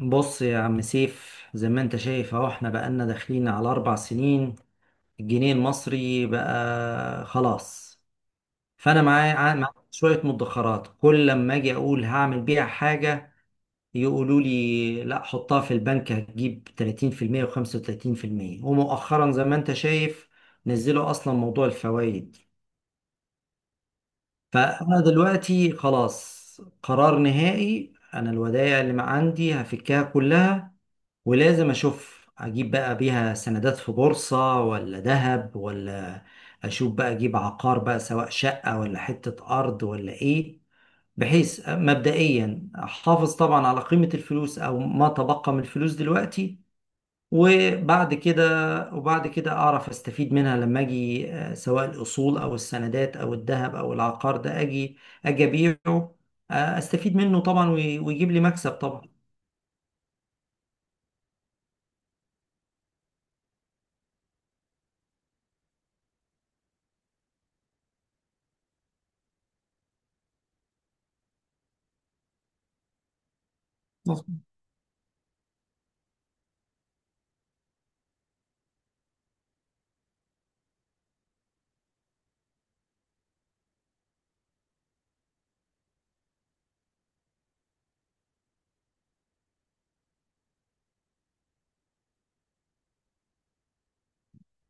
بص يا عم سيف، زي ما انت شايف اهو احنا بقالنا داخلين على اربع سنين. الجنيه المصري بقى خلاص. فانا معايا معايا شوية مدخرات، كل لما اجي اقول هعمل بيها حاجة يقولوا لي لا حطها في البنك هتجيب 30% و35%. ومؤخرا زي ما انت شايف نزلوا اصلا موضوع الفوائد. فانا دلوقتي خلاص قرار نهائي، انا الودائع اللي ما عندي هفكها كلها. ولازم اشوف اجيب بقى بيها سندات في بورصة، ولا ذهب، ولا اشوف بقى اجيب عقار بقى، سواء شقة ولا حتة ارض ولا ايه. بحيث مبدئيا احافظ طبعا على قيمة الفلوس، او ما تبقى من الفلوس دلوقتي. وبعد كده وبعد كده اعرف استفيد منها لما اجي، سواء الاصول او السندات او الذهب او العقار ده، اجي ابيعه. استفيد منه طبعا، ويجيب لي مكسب طبعا. مظبوط.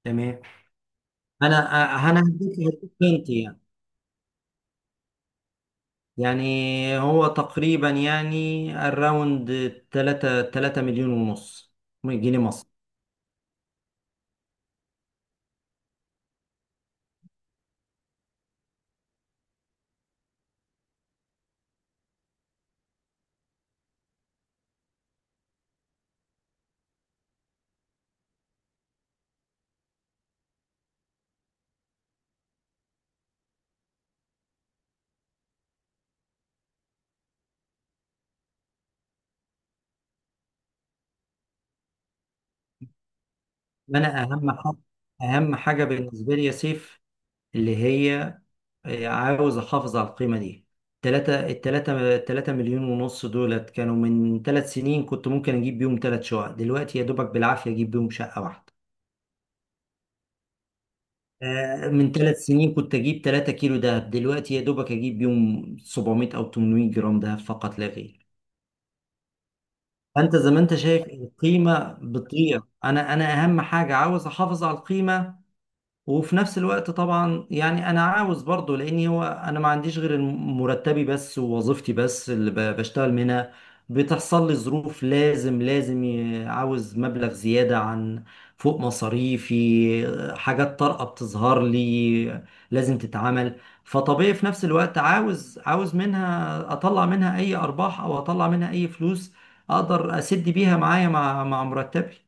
تمام. انا انا هديك انت يعني. يعني هو تقريبا يعني الراوند 3 مليون ونص جنيه مصري. انا اهم حاجه، اهم حاجه بالنسبه لي يا سيف اللي هي، عاوز احافظ على القيمه دي. 3 مليون ونص دولت، كانوا من 3 سنين كنت ممكن اجيب بيهم 3 شقق، دلوقتي يا دوبك بالعافيه اجيب بيهم شقه واحده. من ثلاث سنين كنت اجيب 3 كيلو دهب، دلوقتي يا دوبك اجيب يوم 700 او 800 جرام دهب فقط لا غير. فانت زي ما انت شايف القيمه بتضيع. انا اهم حاجه عاوز احافظ على القيمه. وفي نفس الوقت طبعا يعني انا عاوز برضه، لاني هو انا ما عنديش غير مرتبي بس ووظيفتي بس اللي بشتغل منها. بتحصل لي ظروف لازم، عاوز مبلغ زيادة عن، فوق مصاريفي، حاجات طارئة بتظهر لي لازم تتعمل. فطبيعي في نفس الوقت عاوز منها، اطلع منها اي ارباح او اطلع منها اي فلوس اقدر اسد بيها معايا مع مرتبي.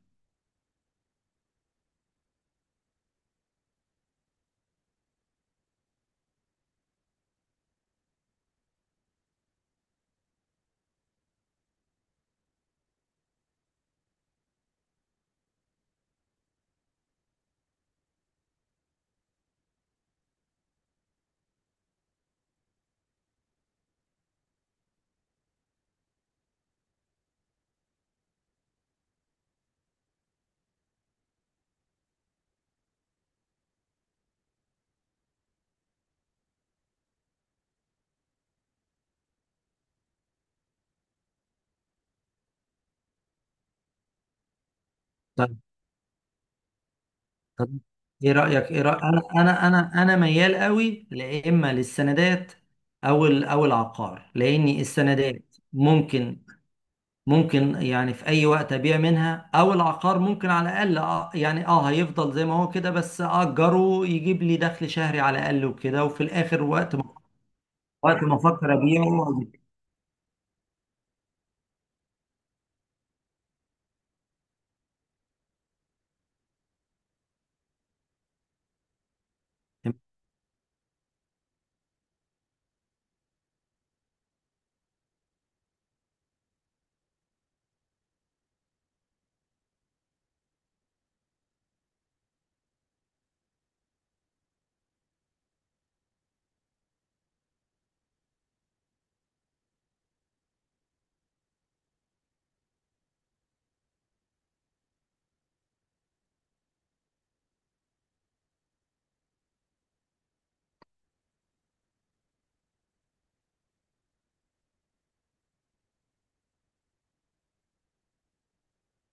طب ايه رأيك؟ انا ميال قوي، لا اما للسندات او او العقار. لان السندات ممكن يعني في اي وقت ابيع منها. او العقار ممكن على الاقل، يعني هيفضل زي ما هو كده، بس اجره يجيب لي دخل شهري على الاقل وكده، وفي الاخر وقت ما افكر ابيعه أجيب.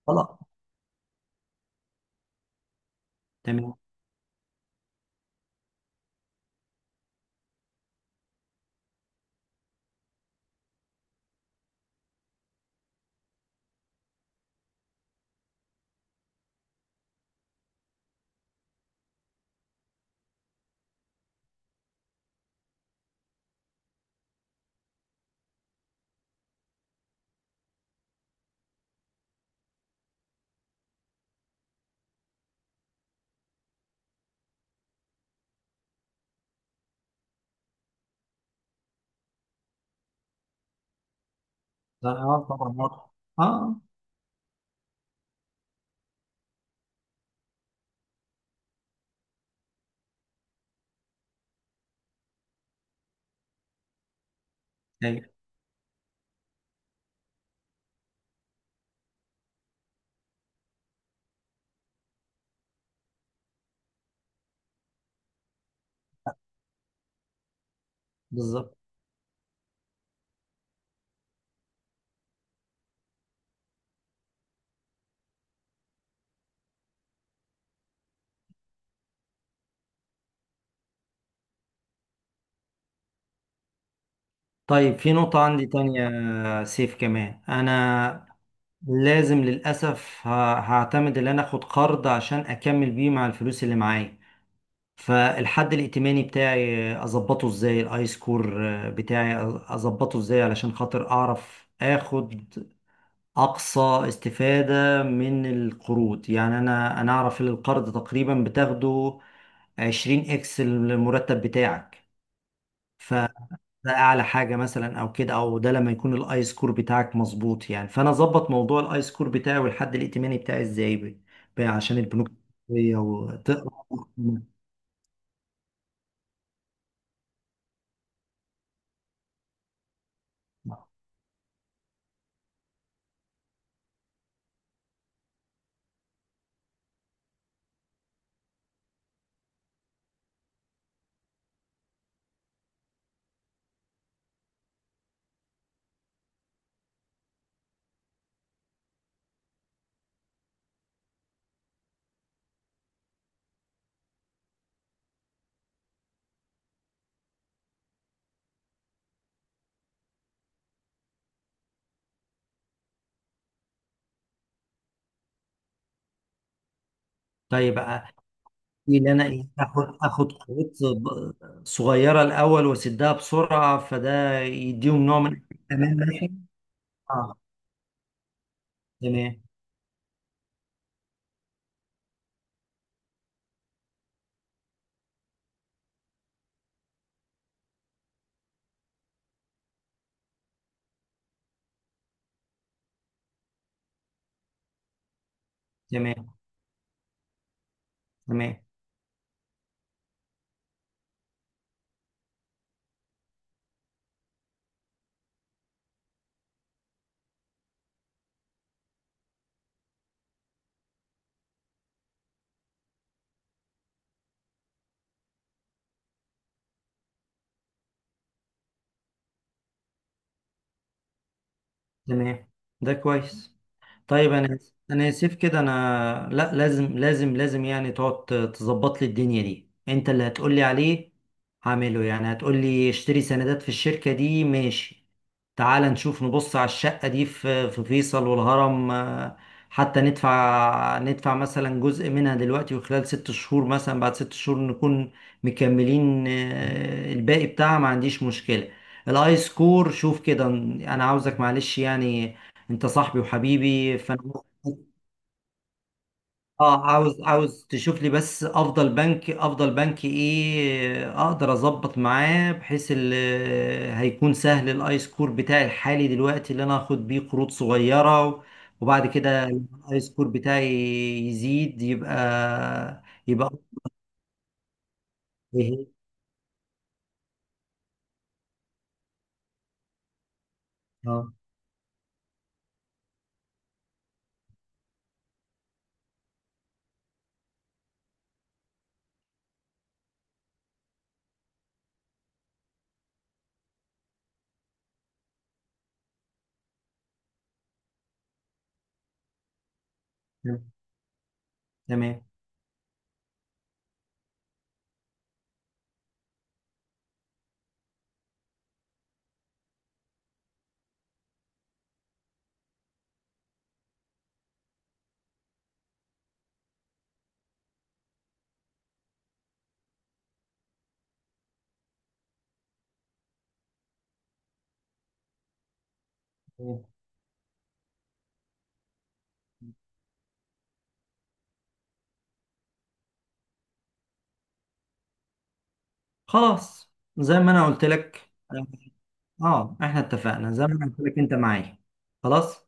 خلاص. تمام. اه، آه، طبعا، آه. اه، ايوه، بالظبط. طيب في نقطة عندي تانية سيف، كمان أنا لازم للأسف هعتمد إن أنا آخد قرض عشان أكمل بيه مع الفلوس اللي معايا. فالحد الائتماني بتاعي أظبطه إزاي، الآي سكور بتاعي أظبطه إزاي، علشان خاطر أعرف آخد أقصى استفادة من القروض. يعني أنا أعرف إن القرض تقريبا بتاخده 20 إكس المرتب بتاعك. ف... ده اعلى حاجه مثلا، او كده، او ده لما يكون الاي سكور بتاعك مظبوط. يعني فانا اظبط موضوع الاي سكور بتاعي والحد الائتماني بتاعي ازاي، عشان البنوك التحتية وتقرا. طيب، ايه اللي انا إيه؟ اخد خطوات صغيره الاول واسدها بسرعه، فده يديهم نوع من الامان مثلا. اه، تمام تمام تمام تمام. ده كويس. طيب انا اسف كده. انا لا، لازم يعني تقعد تظبط لي الدنيا دي. انت اللي هتقول لي عليه هعمله، يعني هتقول لي اشتري سندات في الشركة دي ماشي، تعال نشوف نبص على الشقة دي في في فيصل والهرم، حتى ندفع مثلا جزء منها دلوقتي وخلال ست شهور مثلا. بعد ست شهور نكون مكملين الباقي بتاعها، ما عنديش مشكلة. الاي سكور شوف كده، انا عاوزك معلش يعني، انت صاحبي وحبيبي فانا. اه، عاوز تشوف لي بس افضل بنك ايه اقدر اظبط معاه بحيث هيكون سهل. الاي سكور بتاعي الحالي دلوقتي اللي انا اخد بيه قروض صغيرة، وبعد كده الاي سكور بتاعي يزيد يبقى اه، تمام تمام. خلاص. زي ما انا قلت لك، اه، احنا اتفقنا زي ما انا قلت لك انت معايا. خلاص